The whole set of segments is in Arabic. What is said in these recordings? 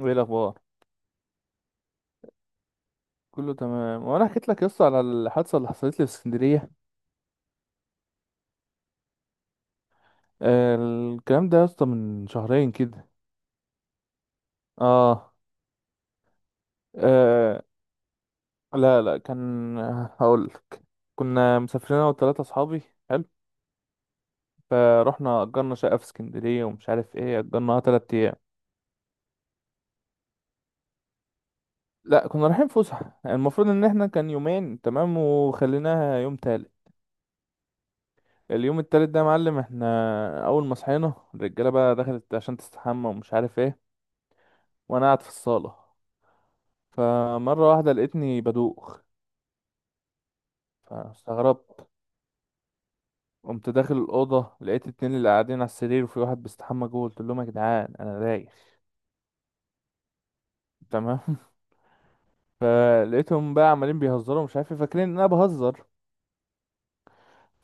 وايه الاخبار، كله تمام. وانا حكيت لك يا اسطى على الحادثه اللي حصلت لي في اسكندريه. آه الكلام ده يا اسطى من شهرين كده. آه. اه. لا لا كان، هقول لك. كنا مسافرين انا وثلاثه اصحابي. حلو. فروحنا اجرنا شقه في اسكندريه ومش عارف ايه، اجرناها 3 ايام. لا كنا رايحين فسحه، المفروض ان احنا كان يومين تمام وخليناها يوم تالت. اليوم التالت ده يا معلم، احنا اول ما صحينا الرجاله بقى دخلت عشان تستحمى ومش عارف ايه. وانا قاعد في الصاله. فمرة واحدة لقيتني بدوخ. فاستغربت. قمت داخل الأوضة، لقيت اتنين اللي قاعدين على السرير وفي واحد بيستحمى جوه، قلت لهم يا جدعان أنا رايح. تمام. فلقيتهم بقى عمالين بيهزروا مش عارف إيه، فاكرين إن أنا بهزر.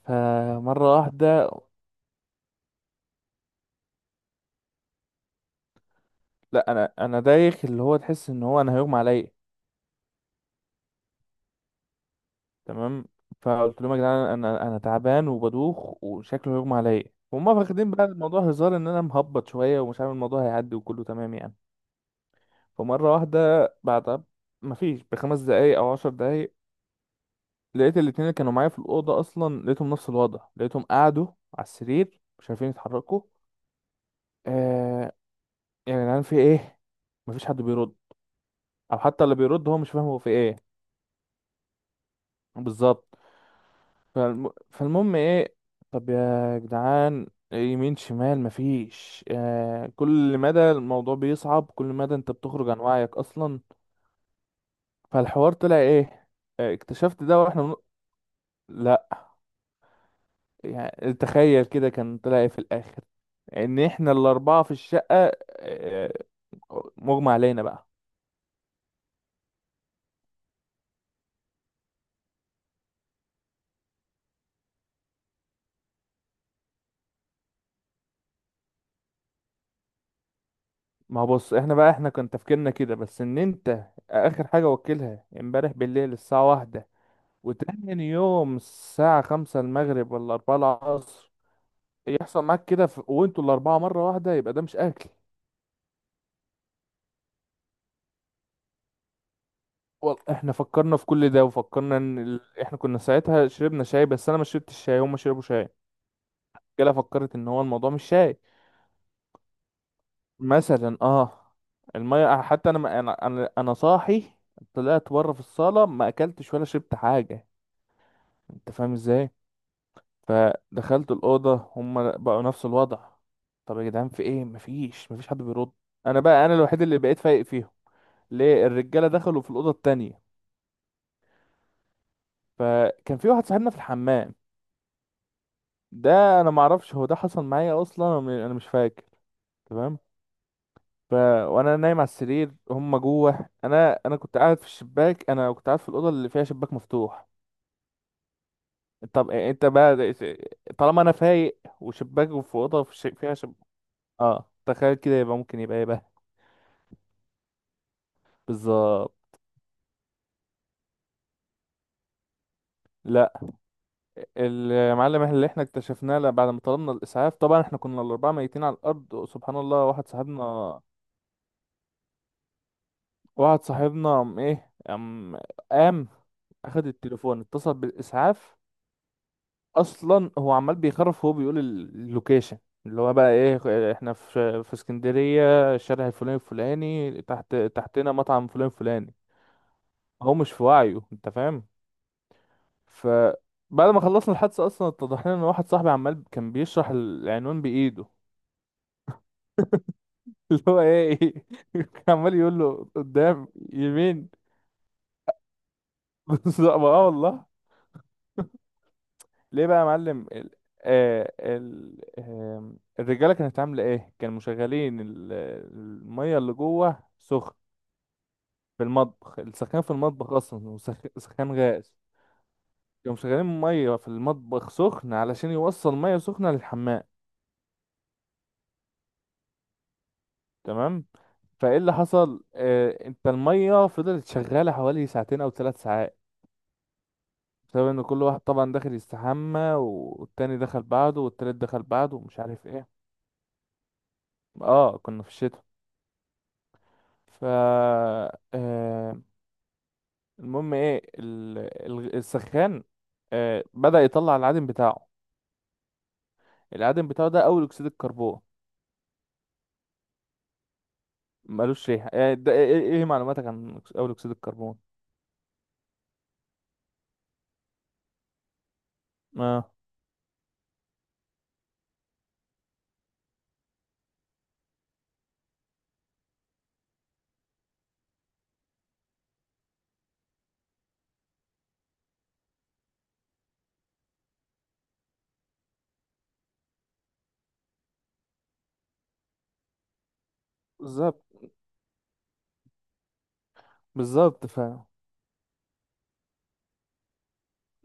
فمرة واحدة، لا أنا دايخ، اللي هو تحس إن هو أنا هيغمى عليا. تمام. فقلت لهم يا جدعان أنا تعبان وبدوخ وشكله هيغمى عليا. وهم فاخدين بقى الموضوع هزار إن أنا مهبط شوية ومش عامل الموضوع، هيعدي وكله تمام يعني. فمرة واحدة بعد، مفيش بخمس دقايق أو 10 دقايق، لقيت الاتنين اللي كانوا معايا في الأوضة أصلا، لقيتهم نفس الوضع، لقيتهم قعدوا على السرير مش عارفين يتحركوا. آه. يعني يا جدعان في إيه؟ مفيش حد بيرد. أو حتى اللي بيرد هو مش فاهم هو في إيه. بالظبط. فالمهم إيه، طب يا جدعان، يمين شمال مفيش. آه، كل مدى الموضوع بيصعب، كل مدى أنت بتخرج عن وعيك أصلا. فالحوار طلع إيه؟ آه اكتشفت ده لا. يعني تخيل كده، كان طلع إيه في الاخر؟ ان احنا الاربعه في الشقه، آه، مغمى علينا بقى. ما هو بص، احنا بقى احنا كان تفكيرنا كده بس ان انت، اخر حاجه وكلها امبارح بالليل الساعه واحدة. وتاني يوم الساعه خمسة المغرب ولا أربعة العصر. يحصل معاك كده وانتوا الاربعه مره واحده، يبقى ده مش اكل. والله احنا فكرنا في كل ده، وفكرنا احنا كنا ساعتها شربنا شاي، بس انا ما شربتش شاي، هما شربوا شاي. كده فكرت ان هو الموضوع مش شاي. مثلا اه. الميه حتى انا ما- انا انا أنا صاحي، طلعت بره في الصاله ما اكلتش ولا شربت حاجه. انت فاهم ازاي. فدخلت الاوضه هم بقوا نفس الوضع. طب يا جدعان في ايه، مفيش حد بيرد. انا بقى الوحيد اللي بقيت فايق فيهم. ليه الرجاله دخلوا في الاوضه التانية. فكان في واحد صاحبنا في الحمام. ده انا ما اعرفش هو ده حصل معايا اصلا، أنا مش فاكر. تمام. ف... وانا نايم على السرير هم جوه، انا كنت قاعد في الشباك، انا كنت قاعد في الاوضه اللي فيها شباك مفتوح. طب إيه، طالما انا فايق وشباك في اوضه اه تخيل كده، يبقى ممكن يبقى ايه بقى. بالظبط. لا المعلم اللي احنا اكتشفناه، لا، بعد ما طلبنا الاسعاف طبعا، احنا كنا الاربعه ميتين على الارض سبحان الله. واحد صاحبنا قام ايه، قام اخد التليفون، اتصل بالاسعاف. اصلا هو عمال بيخرف وهو بيقول اللوكيشن، اللي هو بقى ايه، احنا في اسكندريه، الشارع الفلاني الفلاني، تحتنا مطعم فلان فلاني. هو مش في وعيه انت فاهم. فبعد ما خلصنا الحادثه اصلا، اتضح لنا ان واحد صاحبي عمال كان بيشرح العنوان بايده. اللي هو ايه، كان عمال يقول له قدام يمين. بالظبط اه والله. ليه بقى يا معلم آه آه، الرجاله كانت عامله ايه، كانوا مشغلين الميه اللي جوه سخن في المطبخ. السخان في المطبخ اصلا، وسخان غاز. كانوا مشغلين ميه في المطبخ سخن علشان يوصل ميه سخنه للحمام. تمام. فايه اللي حصل، آه، انت الميه فضلت شغاله حوالي ساعتين او 3 ساعات، بسبب ان كل واحد طبعا داخل يستحمى، والتاني دخل بعده، والتالت دخل بعده ومش عارف ايه. اه كنا في الشتاء. ف المهم ايه السخان، آه بدأ يطلع العادم بتاعه. العادم بتاعه ده اول اكسيد الكربون. ملوش ريحة يعني، ده ايه، إيه معلوماتك عن اول اكسيد الكربون؟ اه بالظبط. بالظبط. ف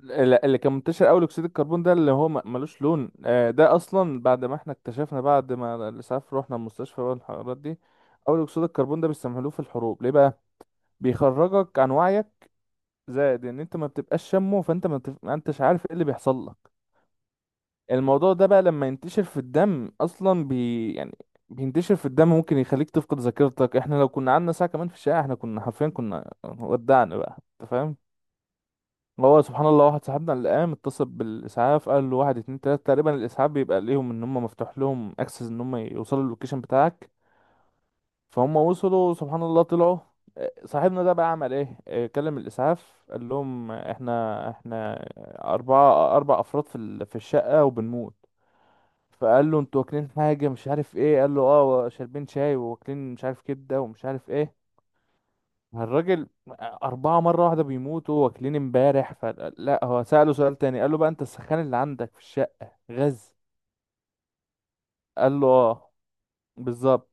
اللي كان منتشر اول اكسيد الكربون ده اللي هو ملوش لون. آه، ده اصلا بعد ما احنا اكتشفنا، بعد ما الاسعاف رحنا المستشفى بقى والحوارات دي. اول اكسيد الكربون ده بيستعملوه في الحروب، ليه بقى، بيخرجك عن وعيك. زائد ان انت ما بتبقاش شامه، فانت ما, بتف... ما انتش عارف ايه اللي بيحصل لك. الموضوع ده بقى لما ينتشر في الدم اصلا يعني بينتشر في الدم ممكن يخليك تفقد ذاكرتك. احنا لو كنا قعدنا ساعة كمان في الشارع، احنا كنا حرفيا كنا ودعنا بقى، انت فاهم. هو سبحان الله واحد صاحبنا اللي قام اتصل بالاسعاف، قال له واحد اتنين تلاتة تقريبا، الاسعاف بيبقى ليهم ان هم مفتوح لهم اكسس ان هم يوصلوا اللوكيشن بتاعك. فهم وصلوا سبحان الله طلعوا. آه، صاحبنا ده بقى عمل ايه، آه كلم الاسعاف قال لهم آه، احنا اربعة، اربع افراد في الشقة وبنموت. فقال له انتوا واكلين حاجة مش عارف ايه، قال له اه شاربين شاي واكلين مش عارف كده ومش عارف ايه. الراجل، أربعة مرة واحدة بيموتوا واكلين امبارح، فلا هو سأله سؤال تاني، قال له بقى انت السخان اللي عندك في الشقة غاز، قال له اه. بالظبط.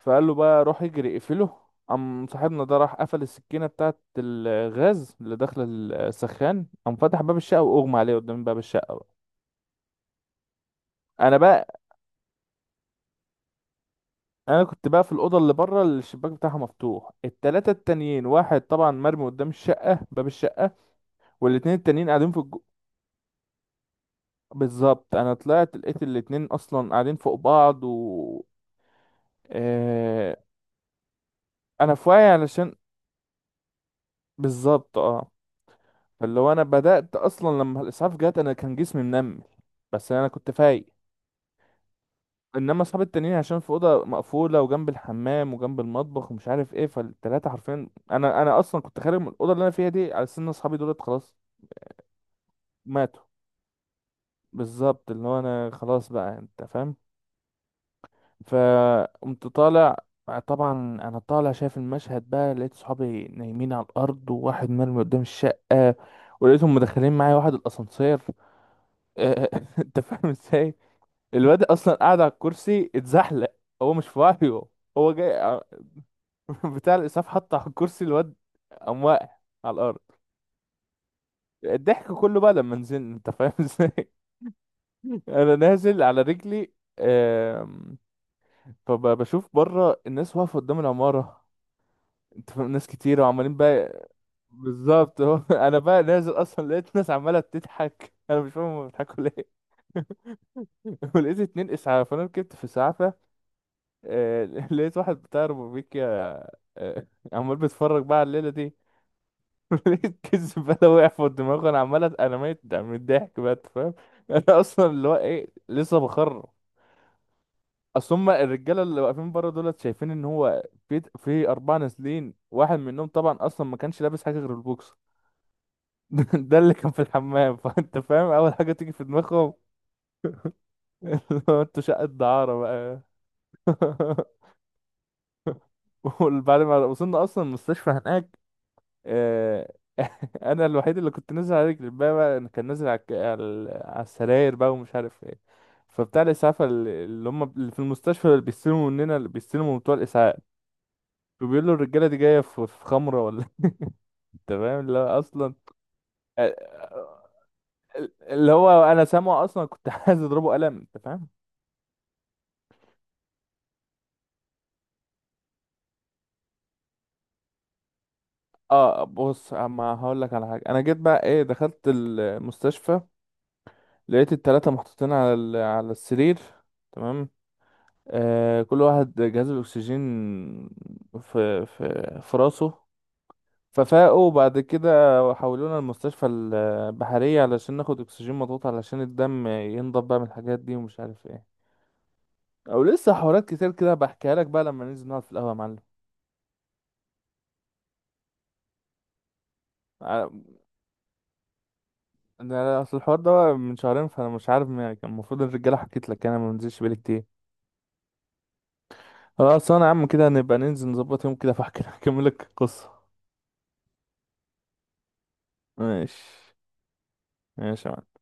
فقال له بقى روح اجري اقفله. قام صاحبنا ده راح قفل السكينة بتاعت الغاز اللي داخلة السخان. قام فتح باب الشقة وأغمى عليه قدام باب الشقة بقى. أنا بقى كنت بقى في الأوضة اللي بره اللي الشباك بتاعها مفتوح، التلاتة التانيين، واحد طبعا مرمي قدام الشقة باب الشقة، والاتنين التانيين قاعدين بالظبط أنا طلعت لقيت الاتنين أصلا قاعدين فوق بعض آه... أنا في وعي علشان، بالظبط اه. فاللي هو انا بدأت اصلا لما الاسعاف جت، انا كان جسمي منمل، بس انا كنت فايق. انما اصحابي التانيين عشان في اوضه مقفوله وجنب الحمام وجنب المطبخ ومش عارف ايه، فالتلاته حرفيا، انا اصلا كنت خارج من الاوضه اللي انا فيها دي، على سن اصحابي دولت خلاص ماتوا. بالظبط، اللي هو انا خلاص بقى انت فاهم. فقمت طالع. طبعا انا طالع شايف المشهد بقى، لقيت صحابي نايمين على الارض وواحد مرمي قدام الشقه. ولقيتهم مدخلين معايا واحد الاسانسير. انت فاهم ازاي، الواد اصلا قاعد على الكرسي اتزحلق، هو مش في وعيه. هو جاي ع- بتاع الاسعاف حط على الكرسي الواد، قام واقع على الارض. الضحك كله بقى لما نزلنا انت فاهم ازاي. انا نازل على رجلي. آم، فبشوف بره الناس واقفه قدام العماره، انت فاهم، ناس كتيره وعمالين بقى. بالظبط اهو. انا بقى نازل اصلا لقيت ناس عماله بتضحك، انا مش فاهم هما بيضحكوا ليه. ولقيت اتنين اسعاف، انا ركبت في اسعاف. آه، لقيت واحد بتاع روبيكيا آه، عمال بيتفرج بقى على الليلة دي. لقيت كيس بلا وقع في دماغه، انا ميت من الضحك بقى أنت فاهم. انا اصلا اللي هو ايه لسه بخر. اصل هم الرجاله اللي واقفين بره دولت شايفين ان هو في اربعه نازلين، واحد منهم طبعا اصلا ما كانش لابس حاجه غير البوكس. ده اللي كان في الحمام. فانت فاهم اول حاجه تيجي في دماغهم. اللي هو انتوا شقه دعاره بقى. وبعد ما وصلنا اصلا المستشفى هناك، آه انا الوحيد اللي كنت نازل على رجلي، الباقي بقى كان نازل على على على السراير بقى ومش عارف ايه. فبتاع الاسعاف اللي هم اللي في المستشفى اللي بيستلموا مننا، اللي بيستلموا بتوع الاسعاف، فبيقول له الرجاله دي جايه في خمره ولا، انت فاهم اللي هو اصلا. آه، آه، اللي هو انا سامعه اصلا، كنت عايز اضربه قلم انت فاهم. اه بص، اما هقول لك على حاجه، انا جيت بقى ايه دخلت المستشفى، لقيت التلاته محطوطين على على السرير. تمام. آه، كل واحد جهاز الأكسجين في راسه. ففاقوا وبعد كده حولونا المستشفى البحرية علشان ناخد أكسجين مضغوط علشان الدم ينضب بقى من الحاجات دي ومش عارف ايه. أو لسه حوارات كتير كده بحكيها لك بقى لما ننزل نقعد في القهوة يا معلم. ع- أنا أصل الحوار ده بقى من شهرين، فأنا مش عارف يعني كان المفروض الرجالة حكيت لك، أنا ما بنزلش بقالي كتير. خلاص أنا يا عم كده نبقى ننزل نظبط يوم كده فأحكي أكمل لك القصة. ماشي ماشي يا معلم.